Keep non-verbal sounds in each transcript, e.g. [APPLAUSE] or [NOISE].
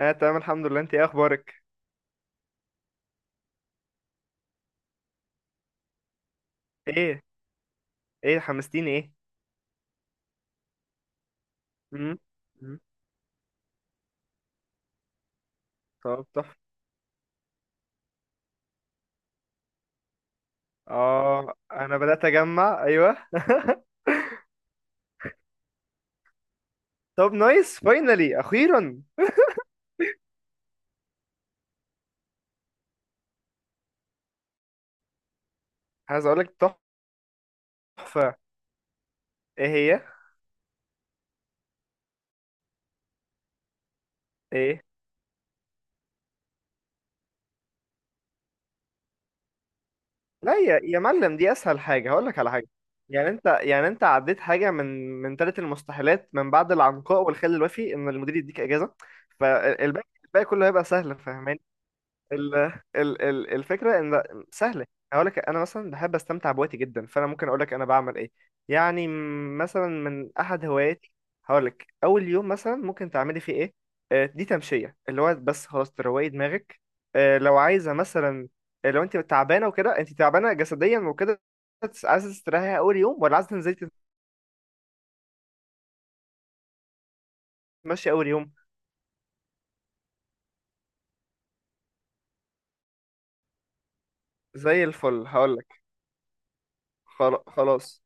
اه تمام، الحمد لله. انت ايه اخبارك؟ ايه ايه حمستيني ايه؟ مم. مم. طب تحفه. اه انا بدات اجمع، ايوه. [LAUGHS] طب نايس، فاينلي اخيرا. عايز اقول لك تحفه. ايه هي؟ ايه؟ لا يا معلم، دي اسهل حاجه. هقول لك على حاجه. يعني انت عديت حاجه من ثلاث المستحيلات، من بعد العنقاء والخل الوفي، ان المدير يديك اجازه. فالباقي، كله هيبقى سهل. فاهماني؟ ال ال ال الفكرة ان سهلة. هقول لك انا مثلا بحب استمتع بوقتي جدا، فانا ممكن اقول لك انا بعمل ايه. يعني مثلا من احد هواياتي. هقول لك اول يوم مثلا ممكن تعملي فيه ايه. دي تمشية، اللي هو بس خلاص تروقي دماغك. لو عايزة مثلا، لو انت تعبانة وكده، انت تعبانة جسديا وكده، بس عايزة تستريحي اول يوم، ولا عايزة تنزلي تتمشي اول يوم؟ زي الفل. هقول لك، خلاص.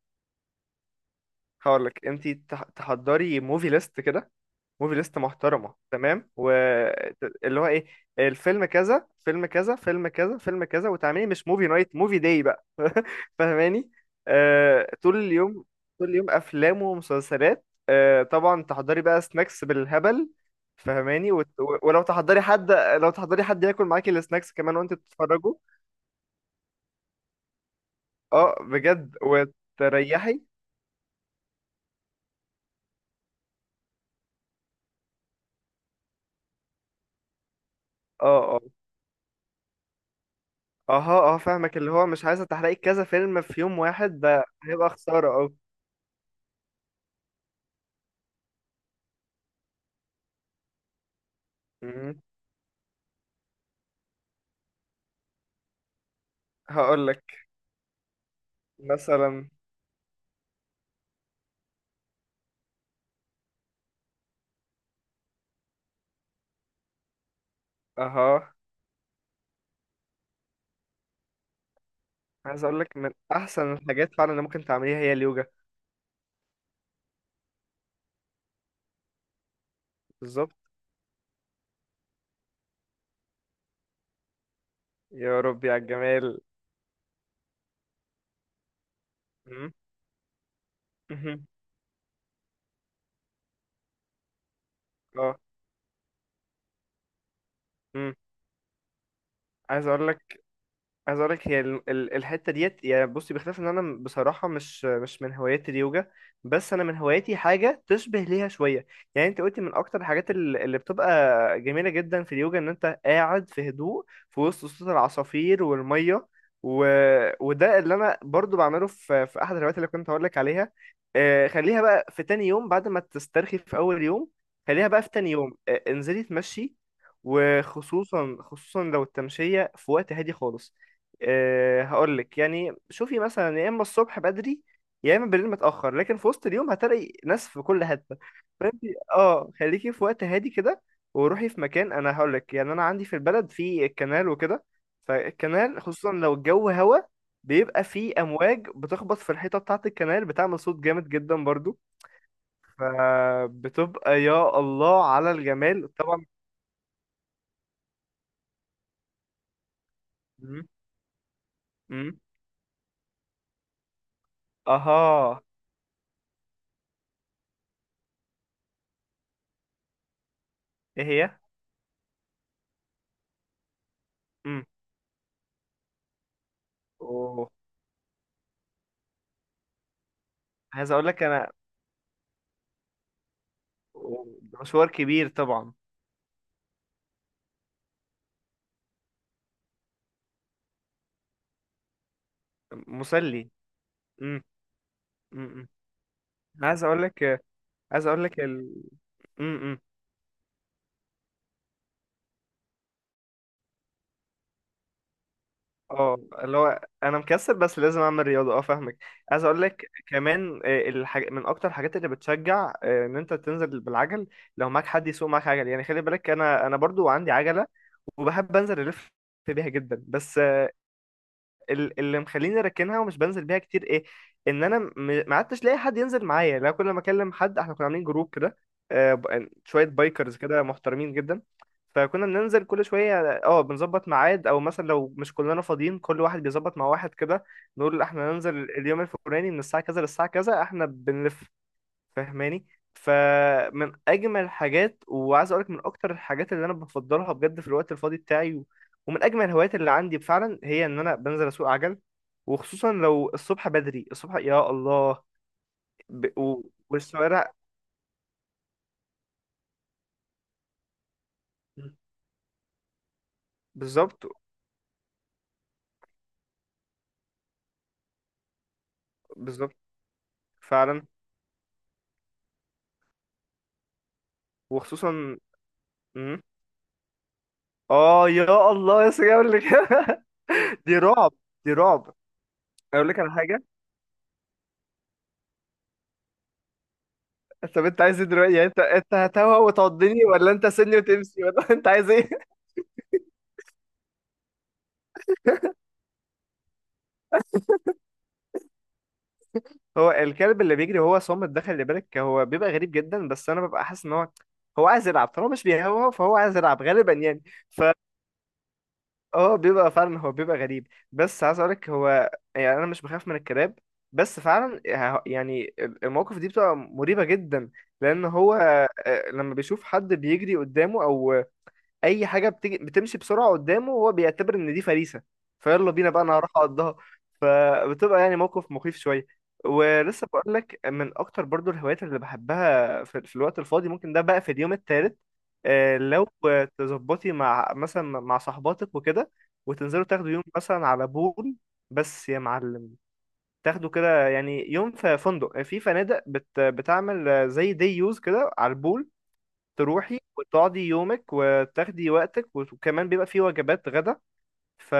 هقول لك انت تحضري موفي ليست كده، موفي ليست محترمه تمام. واللي هو ايه؟ الفيلم كذا، فيلم كذا، فيلم كذا، فيلم كذا، وتعملي مش موفي نايت، موفي داي بقى. [LAUGHS] فاهماني؟ آه، طول اليوم، طول اليوم افلام ومسلسلات. آه، طبعا تحضري بقى سناكس بالهبل. فاهماني؟ ولو تحضري حد، لو تحضري حد ياكل معاكي السناكس كمان وانت بتتفرجوا. اه بجد، وتريحي. اه اه اه فاهمك. اللي هو مش عايزه تحرقي كذا فيلم في يوم واحد، ده هيبقى خساره. اه، هقول لك مثلا. اها، عايز اقول لك من احسن الحاجات فعلا اللي ممكن تعمليها هي اليوجا. بالظبط. يا ربي على الجمال. مم. مهم. اه. مم. عايز اقول لك، عايز اقول لك هي الحته ديت. يعني بصي، بخلاف ان انا بصراحه مش من هوايات اليوجا، بس انا من هواياتي حاجه تشبه ليها شويه. يعني انت قلتي من اكتر الحاجات اللي بتبقى جميله جدا في اليوجا ان انت قاعد في هدوء، في وسط صوت العصافير والميه، و... وده اللي انا برضو بعمله في احد الهوايات اللي كنت هقول لك عليها. خليها بقى في تاني يوم بعد ما تسترخي في اول يوم. خليها بقى في تاني يوم، انزلي تمشي. وخصوصا لو التمشيه في وقت هادي خالص. هقول لك يعني شوفي مثلا، يا اما الصبح بدري، يا اما بالليل متاخر. لكن في وسط اليوم هتلاقي ناس في كل حته. فانت، اه، خليكي في وقت هادي كده. وروحي في مكان، انا هقول لك يعني، انا عندي في البلد في كنال وكده. فالكنال خصوصا لو الجو هوا، بيبقى فيه امواج بتخبط في الحيطه بتاعه الكنال، بتعمل صوت جامد جدا برضو. فبتبقى يا الله على الجمال طبعا. مم. مم. اها. ايه هي؟ امم. اوه. عايز اقول لك انا، ده مشوار كبير طبعا. مسلي. امم امم أنا عايز اقول لك، عايز اقول لك امم. اه، اللي هو انا مكسل بس لازم اعمل رياضه. اه فاهمك. عايز اقول لك كمان، من اكتر الحاجات اللي بتشجع ان انت تنزل بالعجل، لو معاك حد يسوق معاك عجل. يعني خلي بالك، انا برضو عندي عجله، وبحب انزل الف بيها جدا. بس اللي مخليني راكنها ومش بنزل بيها كتير، ايه؟ ان انا ما عدتش لاقي حد ينزل معايا. لا، كل ما اكلم حد، احنا كنا عاملين جروب كده، شويه بايكرز كده محترمين جدا. فكنا بننزل كل شويه، اه، بنظبط ميعاد. او مثلا لو مش كلنا فاضيين، كل واحد بيظبط مع واحد كده. نقول احنا ننزل اليوم الفلاني من الساعه كذا للساعه كذا، احنا بنلف. فاهماني؟ فمن اجمل الحاجات، وعايز اقولك من اكتر الحاجات اللي انا بفضلها بجد في الوقت الفاضي بتاعي، ومن اجمل الهوايات اللي عندي فعلا، هي ان انا بنزل اسوق عجل. وخصوصا لو الصبح بدري، الصبح يا الله. ب... و... والشوارع. بالظبط. بالظبط. فعلا. وخصوصا. مم. اه يا الله، يا سيدي، اقول لك. [LAUGHS] دي رعب، دي رعب. اقول لك على حاجه. طب انت عايز ايه دلوقتي؟ يعني انت هتهوى وتعضني، ولا انت سني وتمشي، ولا [LAUGHS] انت عايز ايه؟ هو الكلب اللي بيجري، هو صامت، دخل اللي بالك، هو بيبقى غريب جدا. بس انا ببقى حاسس ان هو، هو عايز يلعب. طالما مش بيهوى، فهو عايز يلعب غالبا يعني. فهو بيبقى فعلا، هو بيبقى غريب. بس عايز اقولك هو، يعني انا مش بخاف من الكلاب. بس فعلا يعني المواقف دي بتبقى مريبة جدا. لان هو، لما بيشوف حد بيجري قدامه، او اي حاجه بتجي بتمشي بسرعه قدامه، وهو بيعتبر ان دي فريسه، فيلا بينا بقى، انا هروح اقضها. فبتبقى يعني موقف مخيف شويه. ولسه بقول لك، من اكتر برضو الهوايات اللي بحبها في, الوقت الفاضي، ممكن ده بقى في اليوم الثالث. لو تظبطي مع مثلا، مع صاحباتك وكده، وتنزلوا تاخدوا يوم مثلا على بول. بس يا معلم، تاخدوا كده يعني يوم في فندق، في فنادق بت بتعمل زي دي يوز كده على البول. تروحي وتقعدي يومك، وتاخدي وقتك، وكمان بيبقى فيه وجبات غدا. ف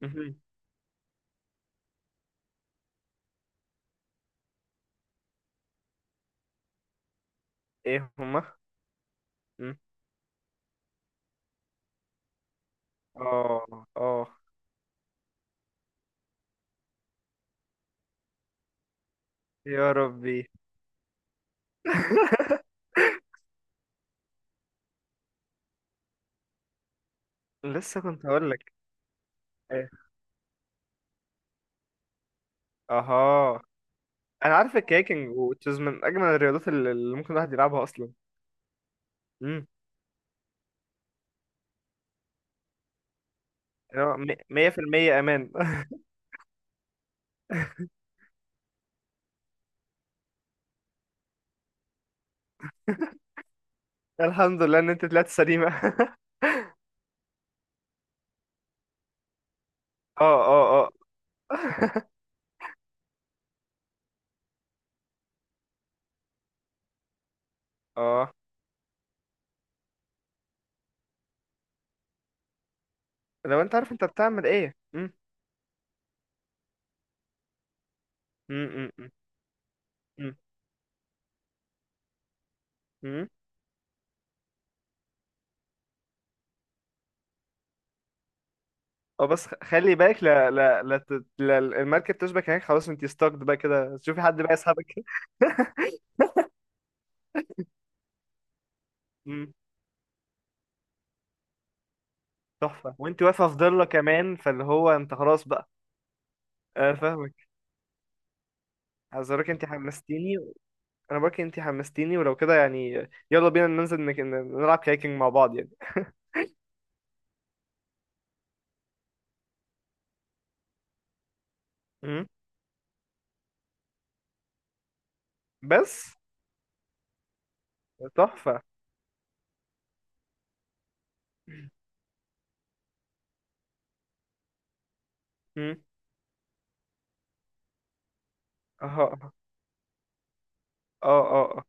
مهم. ايه هما؟ مم. اه اه. يا ربي. [LAUGHS] لسه كنت هقول لك. ايه؟ اها، انا عارف الكايكنج وتشيز، من اجمل الرياضات اللي ممكن الواحد يلعبها اصلا. امم. 100% امان. [LAUGHS] الحمد لله ان انت طلعت سليمه. [LAUGHS] اه اه اه [LAUGHS] اه. لو انت عارف انت بتعمل ايه. امم امم اه، بس خلي بالك، لا لا لا, لا، المركب تشبك هناك، خلاص انت ستاكد بقى كده، شوفي حد بقى يسحبك. [LAUGHS] مم، تحفة. وانت واقفة في ضلة كمان، فاللي هو انت خلاص بقى. اه فاهمك. عايز اقولك انت حمستيني. انا بقولك انت حمستيني. ولو كده يعني يلا بينا ننزل نلعب كايكنج مع بعض يعني. مم، بس تحفة. مم، اه اه اه.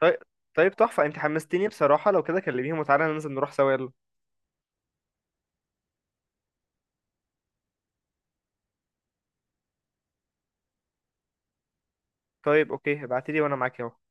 طيب، طيب تحفة، انت حمستيني بصراحة. لو كده كلميهم وتعالى ننزل نروح سوا، يلا. طيب اوكي، ابعتيلي وانا معاك اهو.